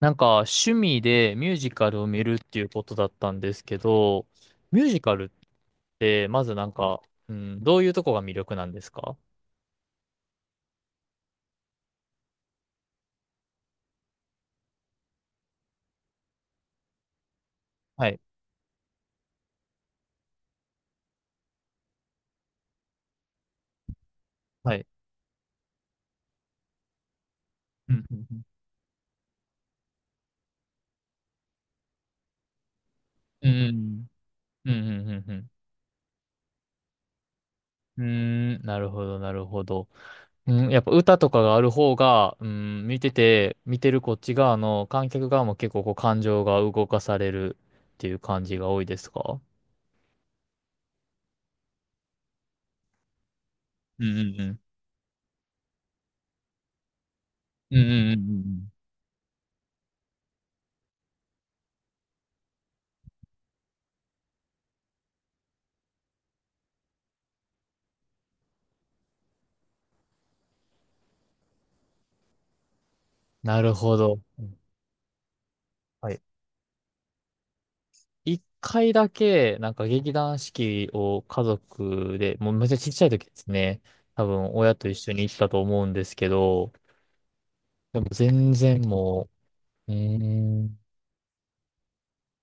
趣味でミュージカルを見るっていうことだったんですけど、ミュージカルって、まずどういうとこが魅力なんですか？はい。はい。うん。うん。うん。うん。うん。うん。うん。うん。なるほど、なるほど。うん、やっぱ歌とかがある方が、うん、見てるこっち側の観客側も結構こう感情が動かされるっていう感じが多いですか？うんうんうん。うんうんうんうんうん。なるほど。はい、一回だけ、なんか劇団四季を家族で、もうめっちゃちっちゃい時ですね。多分親と一緒に行ったと思うんですけど、でも全然もう、うーん、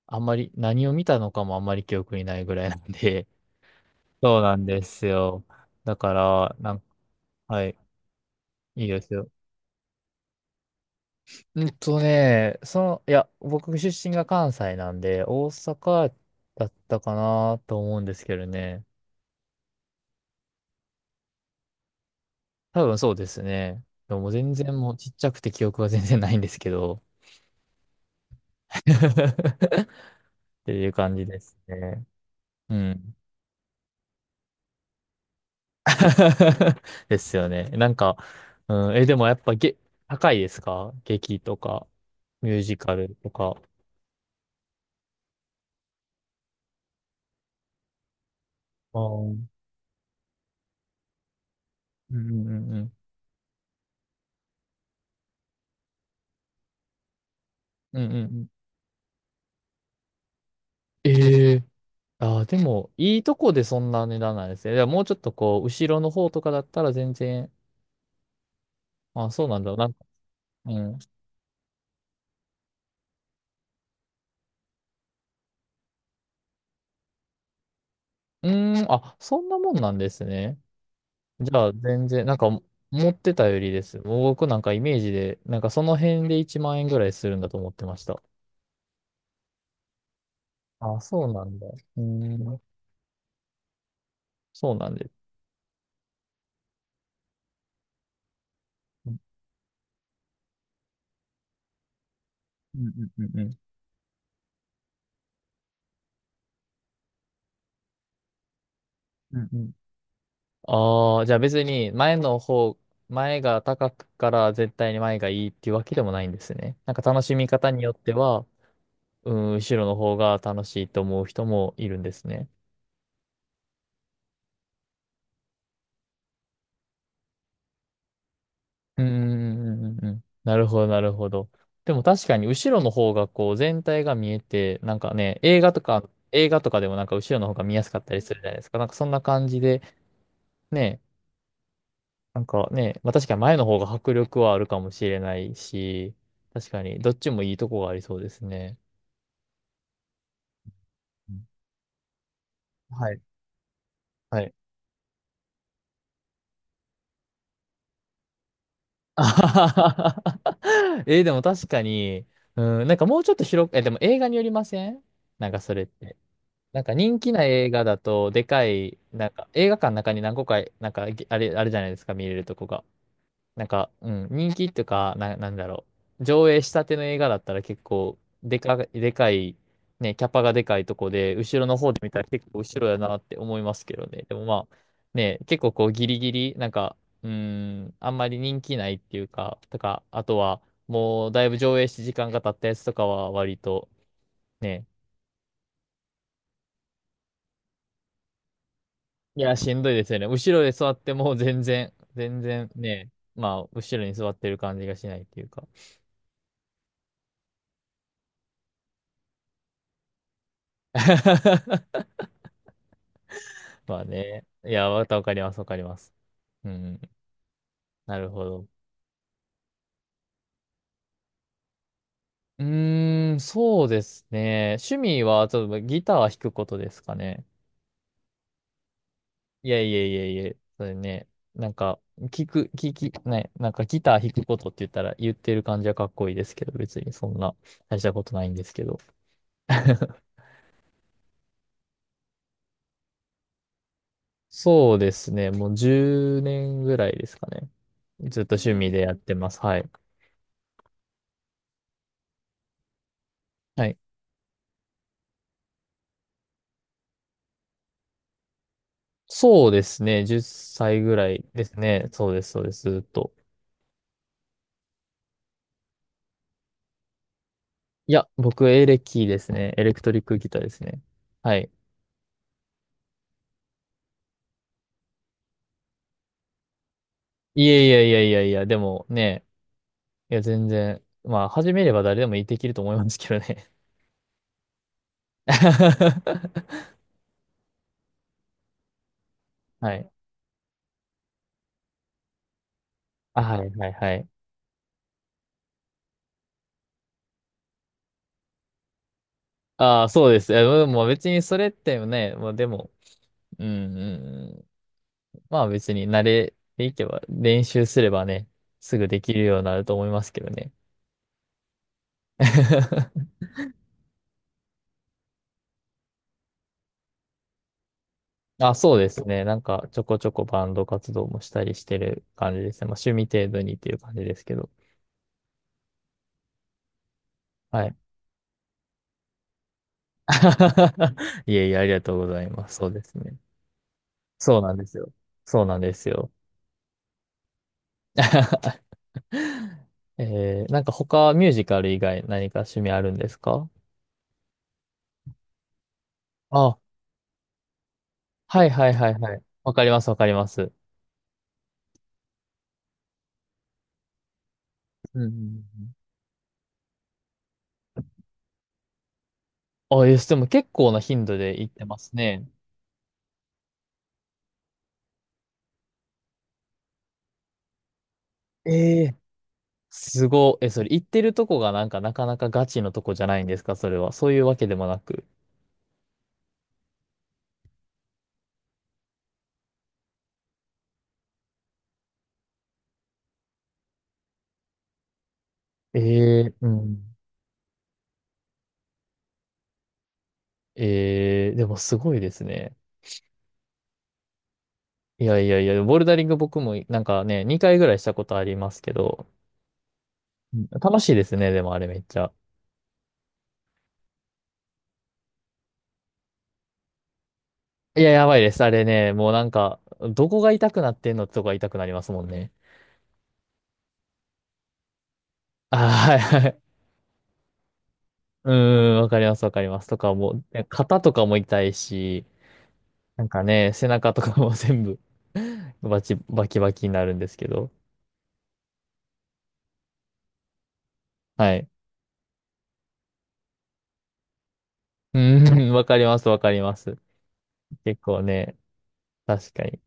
あんまり何を見たのかもあんまり記憶にないぐらいなんで、そうなんですよ。だから、なんか、はい、いいですよ。僕出身が関西なんで、大阪だったかなと思うんですけどね。多分そうですね。でも全然もうちっちゃくて記憶は全然ないんですけど。っていう感じですね。うん。ですよね。なんか、うん、え、でもやっぱげ、高いですか？劇とか、ミュージカルとか。あうん、うんうんうん。うんうんうん。ええ、ああ、でも、いいとこでそんな値段なんですね。でももうちょっとこう、後ろの方とかだったら全然。あ、そうなんだ。なんか、うん。うーん、あ、そんなもんなんですね。じゃあ、全然、なんか、持ってたよりです。もう僕なんかイメージで、なんかその辺で1万円ぐらいするんだと思ってました。あ、そうなんだ。うーん、そうなんです。うんうんうんうん。うんうん。ああ、じゃあ別に前の方、前が高くから絶対に前がいいっていうわけでもないんですね。なんか楽しみ方によっては、うん、後ろの方が楽しいと思う人もいるんですね。うんうんうんうんうん。なるほど、なるほど。でも確かに後ろの方がこう全体が見えて、なんかね、映画とかでもなんか後ろの方が見やすかったりするじゃないですか。なんかそんな感じで、ね、なんかね、まあ確かに前の方が迫力はあるかもしれないし、確かにどっちもいいとこがありそうですね。うん、はい。はい。あはは。はえー、でも確かに、うん、なんかもうちょっと広く、え、でも映画によりません？なんかそれって。なんか人気な映画だと、でかい、なんか映画館の中に何個か、なんかぎあれ、あれじゃないですか、見れるとこが。人気とか、なんだろう。上映したての映画だったら結構、でかい、ね、キャパがでかいとこで、後ろの方で見たら結構後ろやなって思いますけどね。でもまあ、ね、結構こうギリギリ、なんか、うん、あんまり人気ないっていうか、とか、あとは、もうだいぶ上映して時間が経ったやつとかは割と、ね、いや、しんどいですよね。後ろで座っても全然ね、まあ、後ろに座ってる感じがしないっていうか。まあね。いや、またわかります。うん、なるほど。うーん、そうですね。趣味は、ちょっとギターは弾くことですかね。それね、なんか、聞く、聞き、ね、なんかギター弾くことって言ったら言ってる感じはかっこいいですけど、別にそんな大したことないんですけど。そうですね。もう10年ぐらいですかね。ずっと趣味でやってます。はい。はい。そうですね。10歳ぐらいですね。そうです。ずっと。いや、僕、エレキですね。エレクトリックギターですね。はい。でもね、いや、全然、まあ、始めれば誰でもできると思いますけどね。はい。あ、はい。ああ、そうです。いやでも別にそれってね、まあでも、うん、うんうん。まあ別に慣れていけば、練習すればね、すぐできるようになると思いますけどね。あ、そうですね。なんかちょこちょこバンド活動もしたりしてる感じですね。まあ趣味程度にっていう感じですけど。はい。いえいえ、ありがとうございます。そうですね。そうなんですよ。そうなんですよ。えー、なんか他ミュージカル以外何か趣味あるんですか？あ、はいはいはいはい。わかります。うんうんうん。あ、え、でも結構な頻度で行ってますね。ええ。すごい。え、それ行ってるとこがなんかなかなかガチのとこじゃないんですか、それは。そういうわけでもなく。ええ、うん。ええ、でもすごいですね。ボルダリング僕もなんかね、2回ぐらいしたことありますけど、うん、楽しいですね、でもあれめっちゃ。いや、やばいです。あれね、もうなんか、どこが痛くなってんのってとこが痛くなりますもんね。ああ、はいはい。うーん、わかります。とかもう、ね、肩とかも痛いし、なんかね、背中とかも全部 バキバキになるんですけど。はい。うん、わかります。結構ね、確かに。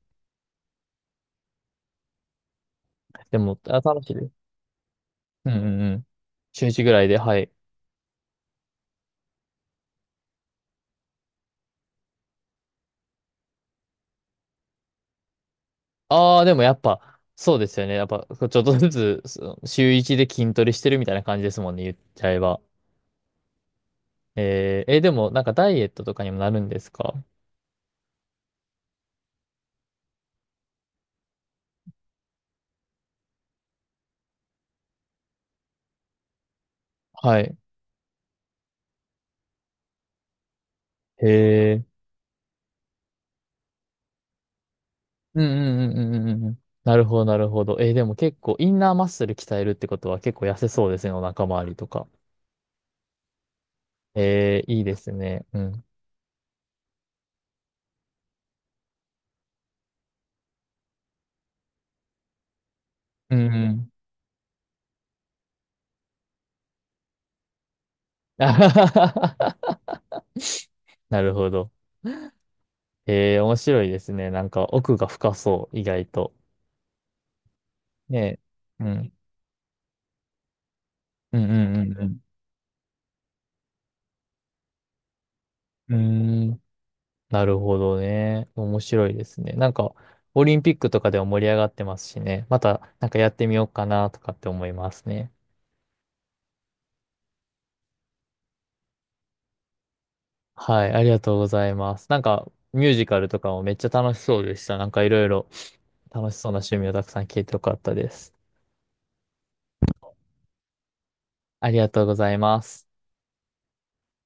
でも、あ、楽しいです。うんうんうん。週1ぐらいで、はい。ああ、でもやっぱ、そうですよね。やっぱ、ちょっとずつ、週1で筋トレしてるみたいな感じですもんね、言っちゃえば。えー、え、でも、なんかダイエットとかにもなるんですか？はい。へえ。うんうんうんうんうんうん。なるほど、なるほど。えー、でも結構、インナーマッスル鍛えるってことは結構痩せそうですね、お腹周りとか。えー、いいですね。うん。うんうん。あはは。はなるほど。えー、面白いですね。なんか奥が深そう、意外と。ねえ。うん。うんうんうんうん。うーん。なるほどね。面白いですね。なんか、オリンピックとかでも盛り上がってますしね。また、なんかやってみようかなとかって思いますね。はい、ありがとうございます。なんか、ミュージカルとかもめっちゃ楽しそうでした。なんかいろいろ楽しそうな趣味をたくさん聞いてよかったです。ありがとうございます。